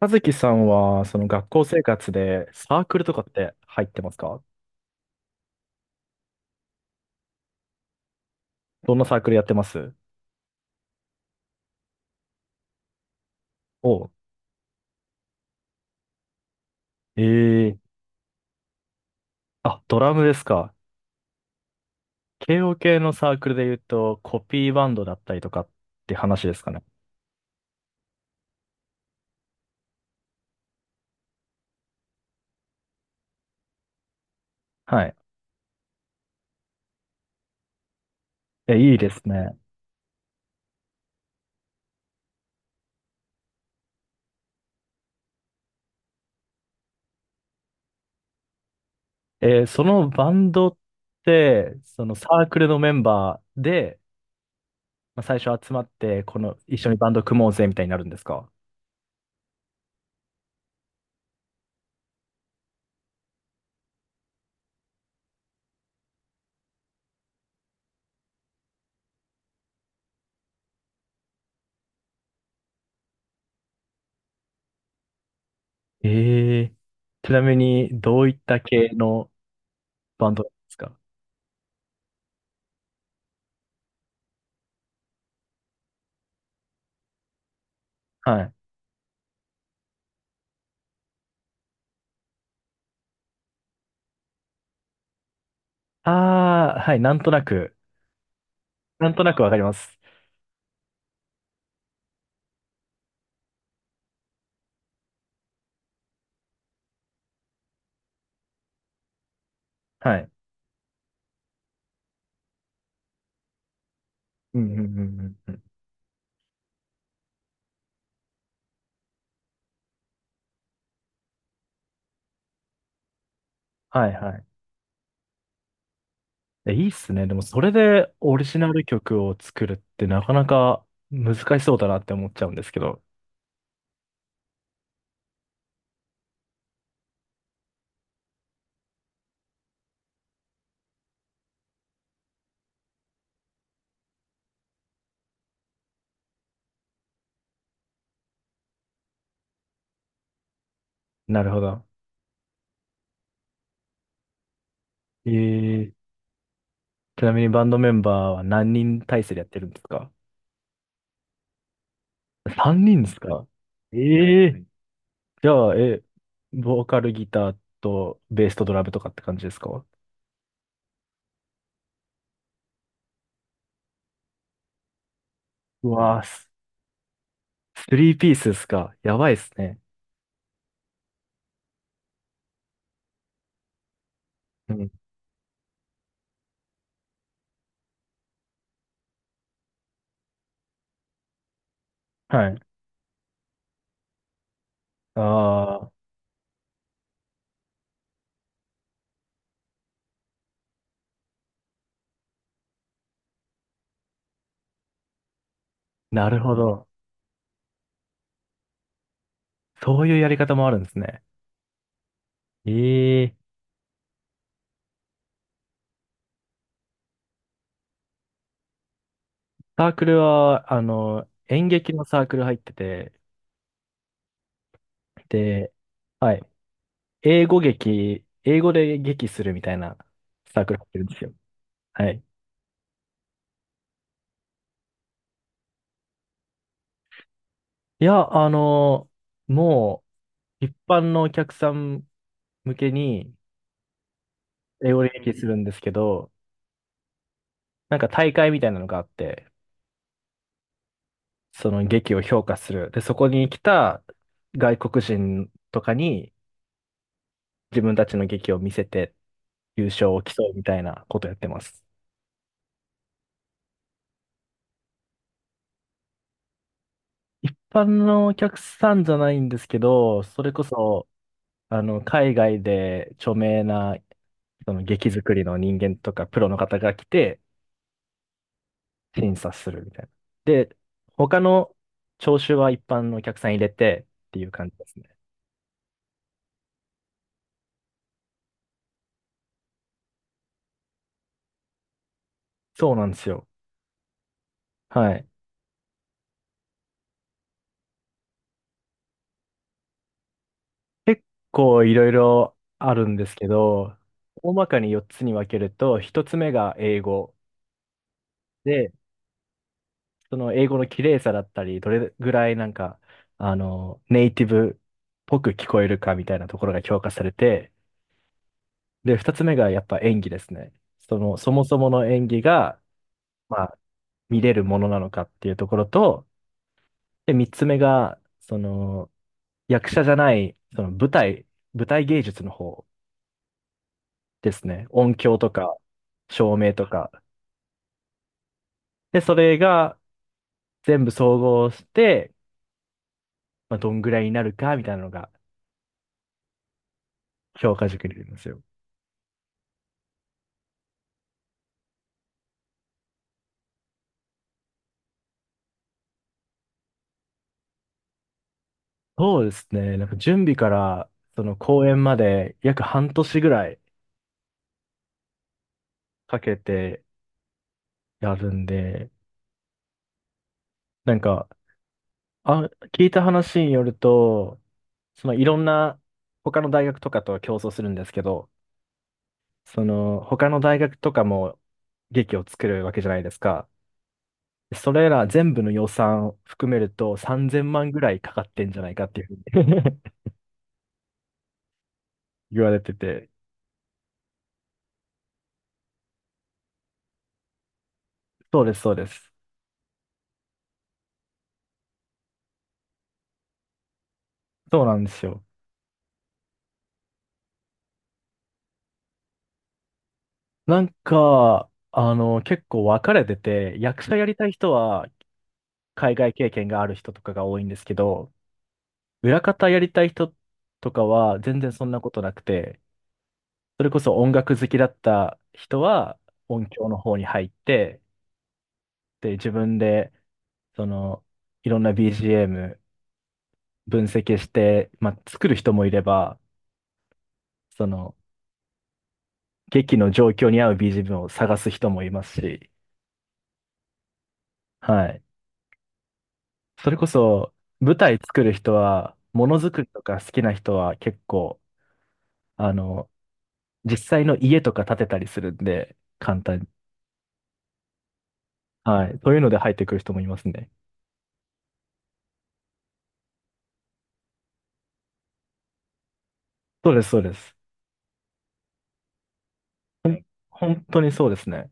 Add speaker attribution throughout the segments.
Speaker 1: 和樹さんは、その学校生活でサークルとかって入ってますか？どんなサークルやってます？おう、ええ。あ、ドラムですか。慶応系のサークルで言うと、コピーバンドだったりとかって話ですかね。はい。え、いいですね。そのバンドって、そのサークルのメンバーで、まあ、最初集まって、この、一緒にバンド組もうぜみたいになるんですか？ええ。ちなみに、どういった系のバンドですか？はい。ああ、はい、なんとなく、なんとなくわかります。はい。うんうんうんうんうん。はいはい。え、いいっすね。でも、それでオリジナル曲を作るってなかなか難しそうだなって思っちゃうんですけど。なるほど。ええ。ちなみにバンドメンバーは何人体制でやってるんですか ?3 人ですか？ええー。じゃあ、え、ボーカルギターとベースとドラムとかって感じですか？うわぁ、スリーピースですか？やばいですね。うん。はい。ああ、なるほど。そういうやり方もあるんですね。ええ。サークルは、演劇のサークル入ってて、で、はい。英語劇、英語で劇するみたいなサークル入ってるんですよ。はい。いや、もう、一般のお客さん向けに、英語で劇するんですけど、なんか大会みたいなのがあって、その劇を評価する。で、そこに来た外国人とかに自分たちの劇を見せて優勝を競うみたいなことやってます。一般のお客さんじゃないんですけど、それこそ、海外で著名な、その劇作りの人間とかプロの方が来て、審査するみたいな。で、他の聴衆は一般のお客さん入れてっていう感じですね。そうなんですよ。はい。結構いろいろあるんですけど、大まかに4つに分けると、1つ目が英語で、その英語の綺麗さだったり、どれぐらいなんか、ネイティブっぽく聞こえるかみたいなところが評価されて、で、2つ目がやっぱ演技ですね。その、そもそもの演技が、まあ、見れるものなのかっていうところと、で、三つ目が、その、役者じゃない、その舞台、舞台芸術の方ですね。音響とか、照明とか。で、それが全部総合して、まあ、どんぐらいになるか、みたいなのが評価軸になりますよ。そうですね。なんか準備から、その公演まで約半年ぐらいかけてやるんで、なんか、あ、聞いた話によると、そのいろんな他の大学とかとは競争するんですけど、その、他の大学とかも劇を作るわけじゃないですか。それら全部の予算を含めると3000万ぐらいかかってんじゃないかっていうふうに 言われてて。そうです、そうです。そうなんですよ。なんか、結構分かれてて、役者やりたい人は海外経験がある人とかが多いんですけど、裏方やりたい人とかは全然そんなことなくて、それこそ音楽好きだった人は音響の方に入って、で、自分でその、いろんな BGM 分析して、まあ、作る人もいれば、その、劇の状況に合う BGM を探す人もいますし、はい。それこそ、舞台作る人は、ものづくりとか好きな人は結構、あの、実際の家とか建てたりするんで、簡単に。はい。そういうので入ってくる人もいますね。そうです、そうです。ほん本当にそうですね。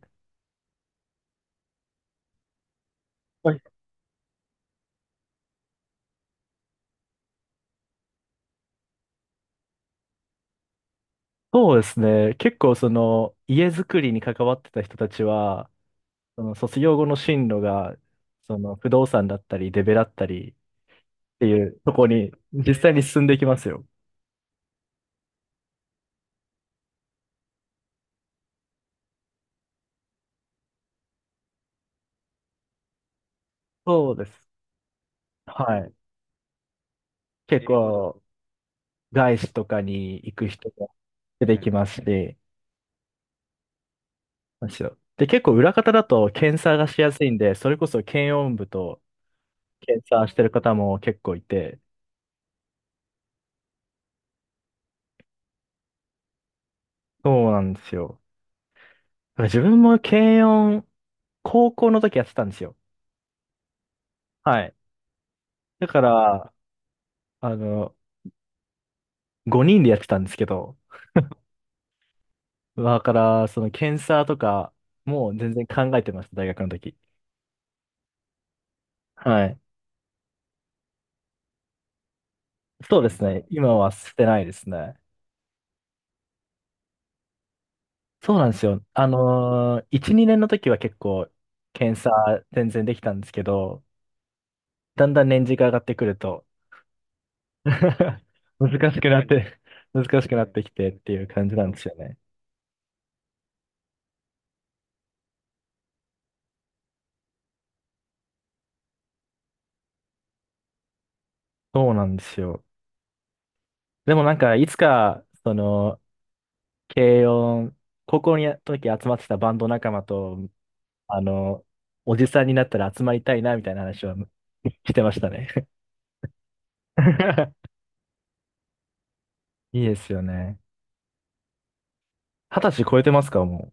Speaker 1: はい。そうですね。結構その家づくりに関わってた人たちは、その卒業後の進路が、その不動産だったり、デベだったりっていうとこに実際に進んでいきますよ。そうです。はい。結構、外資とかに行く人が出てきますし、むしろで、結構裏方だと検査がしやすいんで、それこそ検温部と検査してる方も結構いて、そうなんですよ。だから自分も検温、高校の時やってたんですよ。はい。だから、あの、5人でやってたんですけど、だから、その検査とかもう全然考えてました、大学の時。はい。そうですね。今は捨てないですね。そうなんですよ。1、2年の時は結構検査全然できたんですけど、だんだん年次が上がってくると 難しくなって、難しくなってきてっていう感じなんですよね。そうなんですよ。でもなんか、いつか、その、軽音、高校に時集まってたバンド仲間とあの、おじさんになったら集まりたいな、みたいな話はしてましたね。いいですよね。二十歳超えてますか、もう？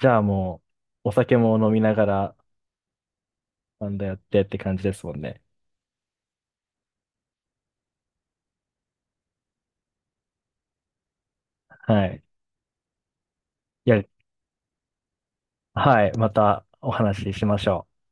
Speaker 1: じゃあもう、お酒も飲みながら、なんだやってって感じですもんね。はい。いや、はい。またお話ししましょう。